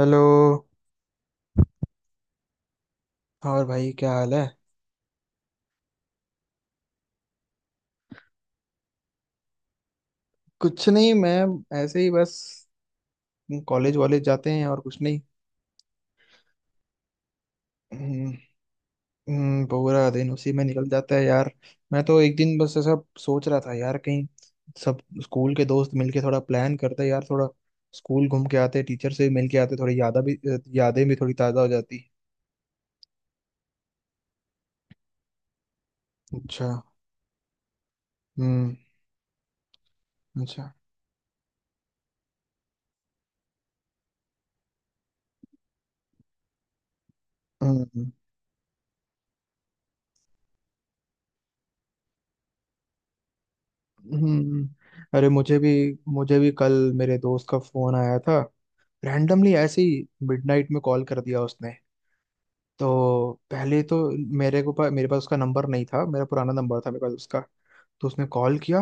Hello. और भाई क्या हाल है। कुछ नहीं, मैं ऐसे ही बस कॉलेज वॉलेज जाते हैं और कुछ नहीं। हम्म, पूरा दिन उसी में निकल जाता है यार। मैं तो एक दिन बस ऐसा सोच रहा था यार, कहीं सब स्कूल के दोस्त मिलके थोड़ा प्लान करते यार, थोड़ा स्कूल घूम के आते, टीचर से मिल के आते, थोड़ी यादा भी यादें भी थोड़ी ताज़ा हो जाती। अच्छा। हम्म। अच्छा। हम्म। हम्म। हम्म। अरे मुझे भी कल मेरे दोस्त का फोन आया था, रैंडमली ऐसे ही। मिडनाइट में कॉल कर दिया उसने। तो पहले तो मेरे पास उसका नंबर नहीं था, मेरा पुराना नंबर था मेरे पास उसका। तो उसने कॉल किया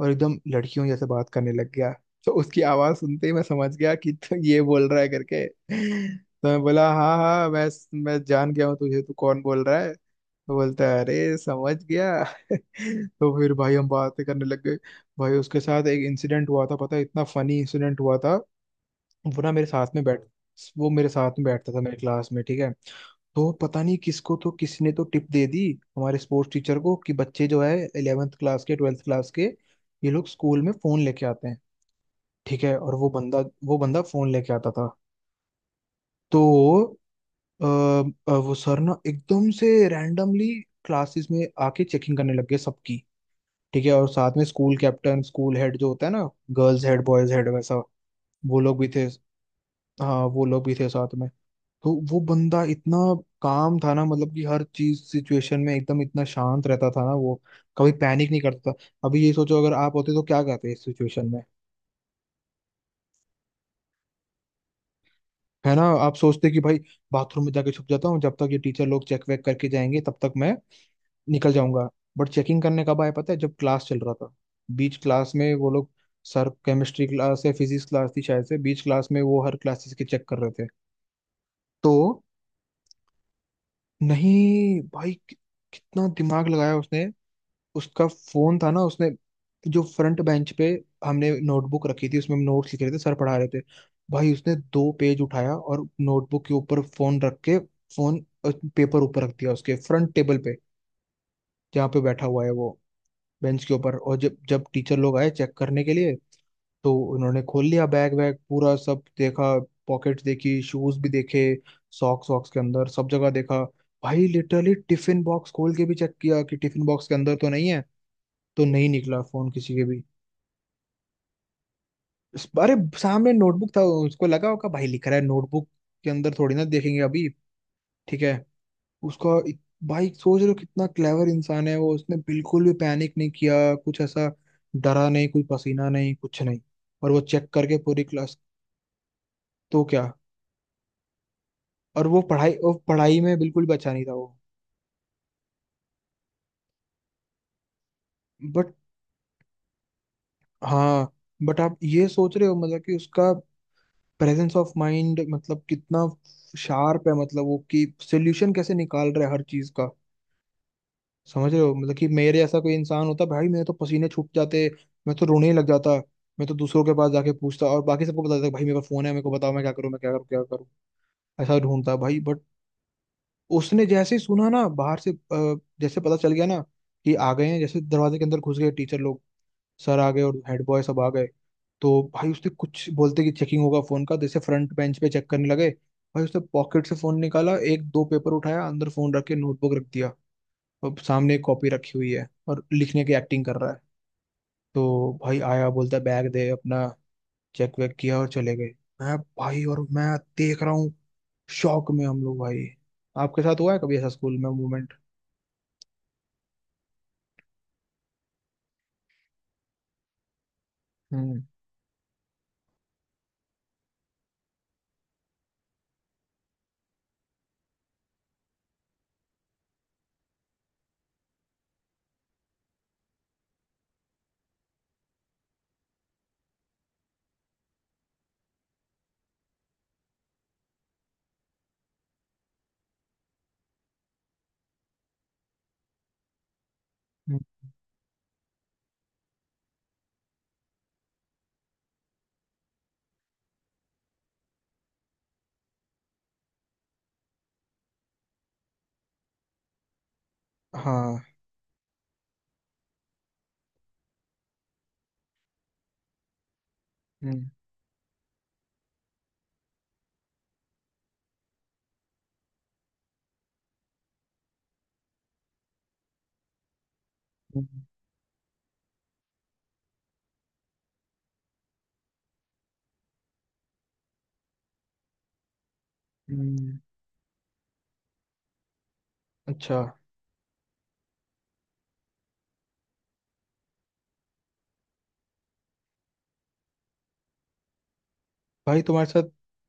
और एकदम लड़कियों जैसे बात करने लग गया। तो उसकी आवाज़ सुनते ही मैं समझ गया कि तो ये बोल रहा है करके, तो मैं बोला हाँ हाँ, मैं जान गया हूँ तुझे, तू कौन बोल रहा है। तो बोलता है अरे समझ गया। तो फिर भाई हम बातें करने लग गए। भाई उसके साथ एक इंसिडेंट हुआ था, पता है, इतना फनी इंसिडेंट हुआ था। वो ना मेरे साथ में बैठ वो मेरे साथ में बैठता था, मेरे क्लास में, ठीक है। तो पता नहीं किसको, तो किसी ने तो टिप दे दी हमारे स्पोर्ट्स टीचर को कि बच्चे जो है इलेवेंथ क्लास के, ट्वेल्थ क्लास के, ये लोग स्कूल में फोन लेके आते हैं, ठीक है। और वो बंदा, वो बंदा फोन लेके आता था। तो वो सर ना एकदम से रैंडमली क्लासेस में आके चेकिंग करने लग गए सबकी, ठीक है। और साथ में स्कूल कैप्टन, स्कूल हेड जो होता है ना, गर्ल्स हेड, बॉयज हेड, वैसा वो लोग भी थे। हाँ वो लोग भी थे साथ में। तो वो बंदा इतना काम था ना, मतलब कि हर चीज सिचुएशन में एकदम इतना शांत रहता था ना वो, कभी पैनिक नहीं करता था। अभी ये सोचो अगर आप होते तो क्या करते इस सिचुएशन में। है ना, आप सोचते कि भाई बाथरूम में जाके छुप जाता हूँ, जब तक ये टीचर लोग चेक वेक करके जाएंगे तब तक मैं निकल जाऊंगा। बट चेकिंग करने कब आए पता है, जब क्लास चल रहा था, बीच क्लास में वो लोग। सर केमिस्ट्री क्लास या फिजिक्स क्लास थी शायद से, बीच क्लास में वो हर क्लासेस के चेक कर रहे थे। तो नहीं भाई, कितना दिमाग लगाया उसने। उसका फोन था ना, उसने जो फ्रंट बेंच पे हमने नोटबुक रखी थी, उसमें हम नोट्स लिख रहे थे, सर पढ़ा रहे थे। भाई उसने दो पेज उठाया और नोटबुक के ऊपर फोन रख के, फोन पेपर ऊपर रख दिया उसके फ्रंट टेबल पे, जहाँ पे बैठा हुआ है वो, बेंच के ऊपर। और जब जब टीचर लोग आए चेक करने के लिए, तो उन्होंने खोल लिया बैग वैग पूरा, सब देखा, पॉकेट्स देखी, शूज भी देखे, सॉक्स वॉक्स के अंदर सब जगह देखा। भाई लिटरली टिफिन बॉक्स खोल के भी चेक किया कि टिफिन बॉक्स के अंदर तो नहीं है। तो नहीं निकला फोन किसी के भी। अरे सामने नोटबुक था, उसको लगा होगा भाई लिख रहा है, नोटबुक के अंदर थोड़ी ना देखेंगे अभी, ठीक है। उसका इत- भाई सोच रहे हो कितना क्लेवर इंसान है वो, उसने बिल्कुल भी पैनिक नहीं किया, कुछ ऐसा डरा नहीं, कोई पसीना नहीं, कुछ नहीं। और वो चेक करके पूरी क्लास। तो क्या, और वो पढ़ाई में बिल्कुल भी अच्छा नहीं था वो। बट हाँ, बट आप ये सोच रहे हो मतलब कि उसका प्रेजेंस ऑफ माइंड मतलब कितना शार्प है, मतलब वो कि सोल्यूशन कैसे निकाल रहा है हर चीज का। समझ रहे हो मतलब कि मेरे जैसा कोई इंसान होता भाई, मेरे तो पसीने छूट जाते, मैं तो रोने ही लग जाता। मैं तो दूसरों के पास जाके पूछता और बाकी सबको बता देता, भाई मेरे पास फोन है, मेरे को बताओ मैं क्या करूँ, मैं क्या करूँ, क्या करूँ, ऐसा ढूंढता भाई। बट उसने जैसे ही सुना ना बाहर से, जैसे पता चल गया ना कि आ गए हैं, जैसे दरवाजे के अंदर घुस गए टीचर लोग, सर आ गए और हेड बॉय सब आ गए, तो भाई उसने कुछ बोलते कि चेकिंग होगा फोन का, जैसे फ्रंट बेंच पे चेक करने लगे, भाई उसने पॉकेट से फोन निकाला, एक दो पेपर उठाया, अंदर फोन रख के नोटबुक रख दिया। अब सामने एक कॉपी रखी हुई है और लिखने की एक्टिंग कर रहा है। तो भाई आया, बोलता बैग दे अपना, चेक वेक किया और चले गए। मैं भाई, और मैं देख रहा हूँ शौक में हम लोग भाई। आपके साथ हुआ है कभी ऐसा स्कूल में मोमेंट। हम्म। हम्म। हाँ। हम्म। हम्म। हम्म। अच्छा, भाई तुम्हारे साथ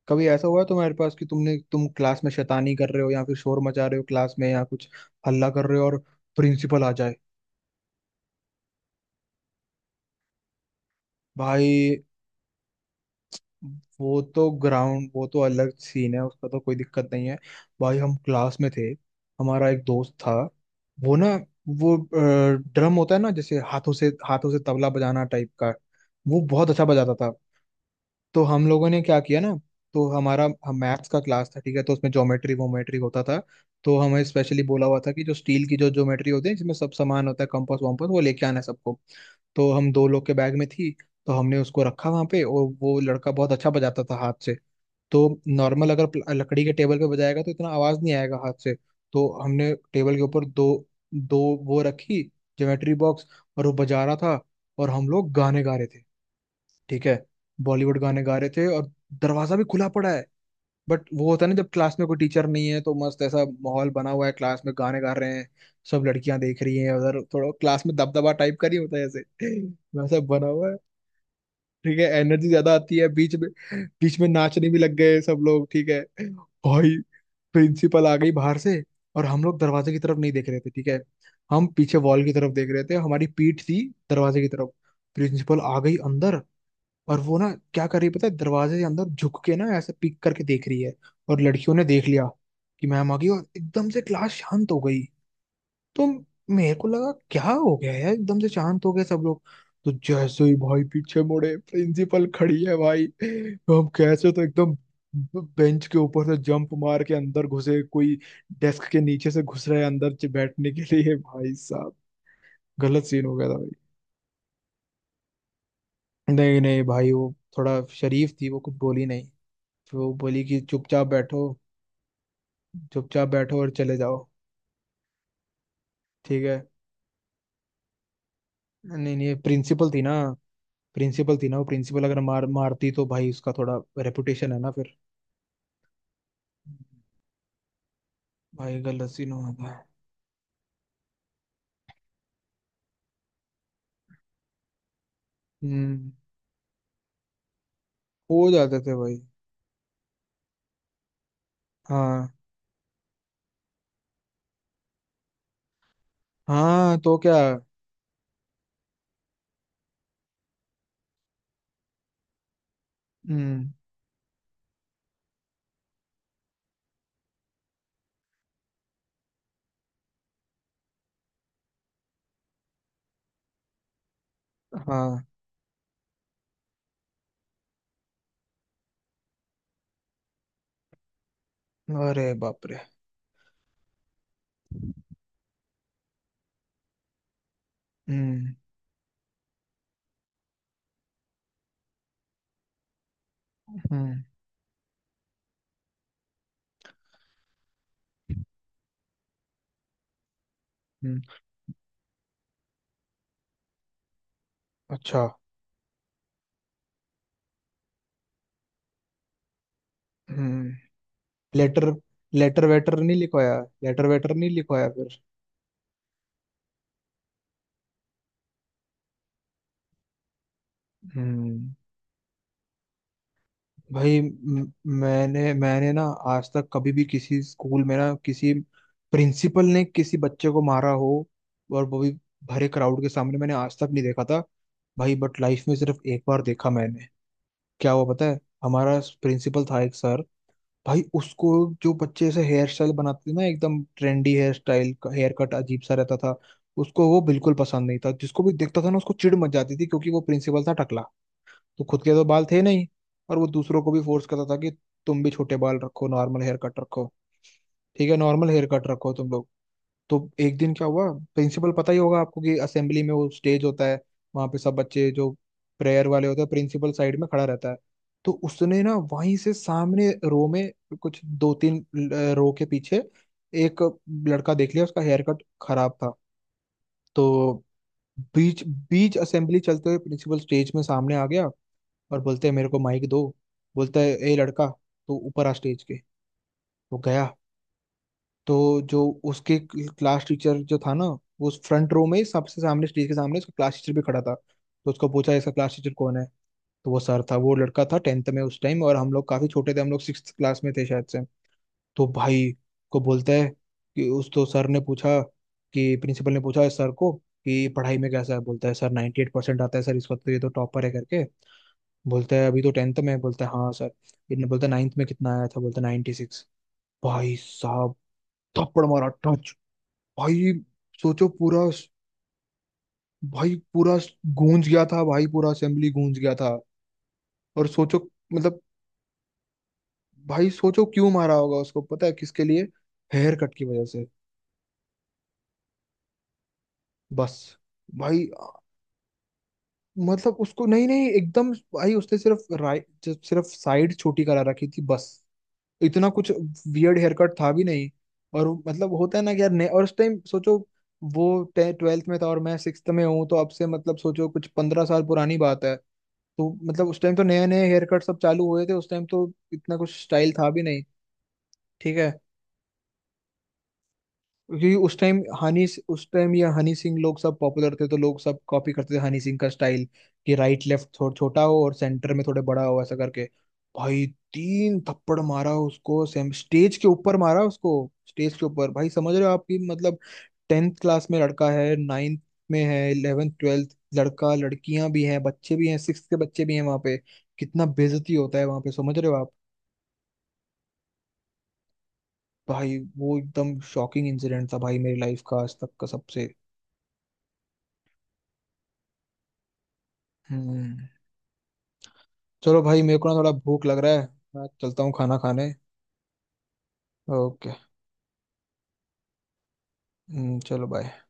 कभी ऐसा हुआ है तुम्हारे पास कि तुमने, तुम क्लास में शैतानी कर रहे हो या फिर शोर मचा रहे हो क्लास में या कुछ हल्ला कर रहे हो और प्रिंसिपल आ जाए। भाई वो तो ग्राउंड, वो तो अलग सीन है उसका, तो कोई दिक्कत नहीं है। भाई हम क्लास में थे, हमारा एक दोस्त था, वो ना, वो ड्रम होता है ना जैसे, हाथों से, हाथों से तबला बजाना टाइप का, वो बहुत अच्छा बजाता था। तो हम लोगों ने क्या किया ना, तो हमारा, हम मैथ्स का क्लास था, ठीक है, तो उसमें ज्योमेट्री वोमेट्री होता था। तो हमें स्पेशली बोला हुआ था कि जो स्टील की जो ज्योमेट्री होती है, जिसमें सब सामान होता है, कंपास वम्पास, वो लेके आना है सबको। तो हम दो लोग के बैग में थी, तो हमने उसको रखा वहां पे। और वो लड़का बहुत अच्छा बजाता था हाथ से, तो नॉर्मल अगर लकड़ी के टेबल पे बजाएगा तो इतना आवाज नहीं आएगा हाथ से। तो हमने टेबल के ऊपर दो, दो वो रखी, ज्योमेट्री बॉक्स, और वो बजा रहा था और हम लोग गाने गा रहे थे, ठीक है। बॉलीवुड गाने गा रहे थे और दरवाजा भी खुला पड़ा है। बट वो होता है ना जब क्लास में कोई टीचर नहीं है, तो मस्त ऐसा माहौल बना हुआ है, क्लास में गाने गा रहे हैं, सब लड़कियां देख रही हैं उधर, थोड़ा क्लास में दबदबा टाइप का नहीं होता है ऐसे, वैसा बना हुआ है ठीक है। एनर्जी ज्यादा आती है बीच में, बीच में नाचने भी लग गए सब लोग, ठीक है। भाई प्रिंसिपल आ गई बाहर से, और हम लोग दरवाजे की तरफ नहीं देख रहे थे, ठीक है, हम पीछे वॉल की तरफ देख रहे थे, हमारी पीठ थी दरवाजे की तरफ। प्रिंसिपल आ गई अंदर, और वो ना क्या कर रही है पता है, दरवाजे के अंदर झुक के ना ऐसे पीक करके देख रही है। और लड़कियों ने देख लिया कि मैम आ गई, और एकदम से क्लास शांत हो गई। तो मेरे को लगा क्या हो गया यार एकदम से शांत हो गए सब लोग। तो जैसे ही भाई पीछे मुड़े, प्रिंसिपल खड़ी है भाई, तो हम कैसे तो एकदम बेंच के ऊपर से जंप मार के अंदर घुसे, कोई डेस्क के नीचे से घुस रहे अंदर, बैठने के लिए, भाई साहब गलत सीन हो गया था भाई। नहीं नहीं भाई, वो थोड़ा शरीफ थी, वो कुछ बोली नहीं। फिर वो बोली कि चुपचाप बैठो, चुपचाप बैठो और चले जाओ, ठीक है। नहीं नहीं, प्रिंसिपल थी ना, प्रिंसिपल थी ना वो, प्रिंसिपल अगर मार मारती तो भाई उसका थोड़ा रेपुटेशन है ना फिर। भाई गलत सीन हो जाता है। हम्म। हो जाते थे भाई। हाँ। हाँ तो क्या। हम्म। हाँ। अरे बाप रे। हम्म। हम्म। हम्म। अच्छा। हम्म। लेटर, लेटर वेटर नहीं लिखवाया, लेटर वेटर नहीं लिखवाया फिर। हम्म। भाई मैंने मैंने ना आज तक कभी भी किसी स्कूल में ना, किसी प्रिंसिपल ने किसी बच्चे को मारा हो, और वो भी भरे क्राउड के सामने, मैंने आज तक नहीं देखा था भाई। बट लाइफ में सिर्फ एक बार देखा मैंने। क्या हुआ पता है, हमारा प्रिंसिपल था एक सर, भाई उसको जो बच्चे ऐसे हेयर स्टाइल बनाते थे ना, एकदम trendy hairstyle, haircut अजीब सा रहता था, उसको वो बिल्कुल पसंद नहीं था। जिसको भी देखता था ना, उसको चिढ़ मच जाती थी, क्योंकि वो प्रिंसिपल था, तो खुद के तो बाल थे नहीं। और वो दूसरों को भी फोर्स करता था कि तुम भी छोटे बाल रखो, नॉर्मल हेयर कट रखो, ठीक है, नॉर्मल हेयर कट रखो तुम लोग। तो एक दिन क्या हुआ, प्रिंसिपल, पता ही होगा आपको कि असेंबली में वो स्टेज होता है, वहां पे सब बच्चे जो प्रेयर वाले होते हैं, प्रिंसिपल साइड में खड़ा रहता है। तो उसने ना वहीं से सामने रो में, कुछ दो तीन रो के पीछे एक लड़का देख लिया, उसका हेयर कट खराब था। तो बीच बीच असेंबली चलते हुए प्रिंसिपल स्टेज में सामने आ गया, और बोलते हैं मेरे को माइक दो। बोलता है ए लड़का, तो ऊपर आ स्टेज के, वो गया। तो जो उसके क्लास टीचर जो था ना, वो उस फ्रंट रो में ही सबसे सामने स्टेज के सामने, उसका क्लास टीचर भी खड़ा था, तो उसको पूछा इसका क्लास टीचर कौन है। तो वो सर था, वो लड़का था टेंथ में उस टाइम, और हम लोग काफी छोटे थे, हम लोग सिक्स क्लास में थे शायद से। तो भाई को बोलता है कि उस, तो सर ने पूछा, कि प्रिंसिपल ने पूछा सर को कि पढ़ाई में कैसा है। बोलता है सर 98% एट परसेंट आता है सर इस वक्त, तो ये तो टॉपर है करके। बोलता है अभी तो टेंथ में है, बोलता है हाँ सर। इन्हें बोलता है नाइन्थ में कितना आया था, बोलता है 96 सिक्स। भाई साहब थप्पड़ मारा टच। भाई सोचो पूरा, भाई पूरा गूंज गया था भाई, पूरा असेंबली गूंज गया था। और सोचो मतलब, भाई सोचो क्यों मारा होगा उसको पता है, किसके लिए, हेयर कट की वजह से, बस। भाई मतलब उसको, नहीं नहीं एकदम, भाई उसने सिर्फ राइट, सिर्फ साइड छोटी करा रखी थी बस, इतना कुछ वियर्ड हेयर कट था भी नहीं। और मतलब होता है ना कि और उस टाइम सोचो, वो ट्वेल्थ में था और मैं सिक्स्थ में हूँ, तो अब से मतलब सोचो कुछ 15 साल पुरानी बात है। तो मतलब उस टाइम तो नए नए हेयर कट सब चालू हुए थे, उस टाइम तो इतना कुछ स्टाइल था भी नहीं, ठीक है। क्योंकि उस टाइम हनी उस टाइम ये हनी सिंह लोग सब पॉपुलर थे, तो लोग सब कॉपी करते थे हनी सिंह का स्टाइल, कि राइट लेफ्ट थोड़ा छोटा हो और सेंटर में थोड़े बड़ा हो ऐसा करके। भाई तीन थप्पड़ मारा उसको, सेम स्टेज के ऊपर मारा उसको, स्टेज के ऊपर भाई, समझ रहे हो आपकी मतलब, टेंथ क्लास में लड़का है, नाइन्थ में है, इलेवेंथ ट्वेल्थ लड़का लड़कियां भी हैं, बच्चे भी हैं, सिक्स के बच्चे भी हैं वहां पे, कितना बेइज्जती होता है वहां पे, समझ रहे हो आप। भाई वो एकदम शॉकिंग इंसिडेंट था भाई, मेरी लाइफ का आज तक का सबसे। हम्म। चलो भाई, मेरे को ना थोड़ा भूख लग रहा है, मैं चलता हूँ खाना खाने। ओके। चलो बाय।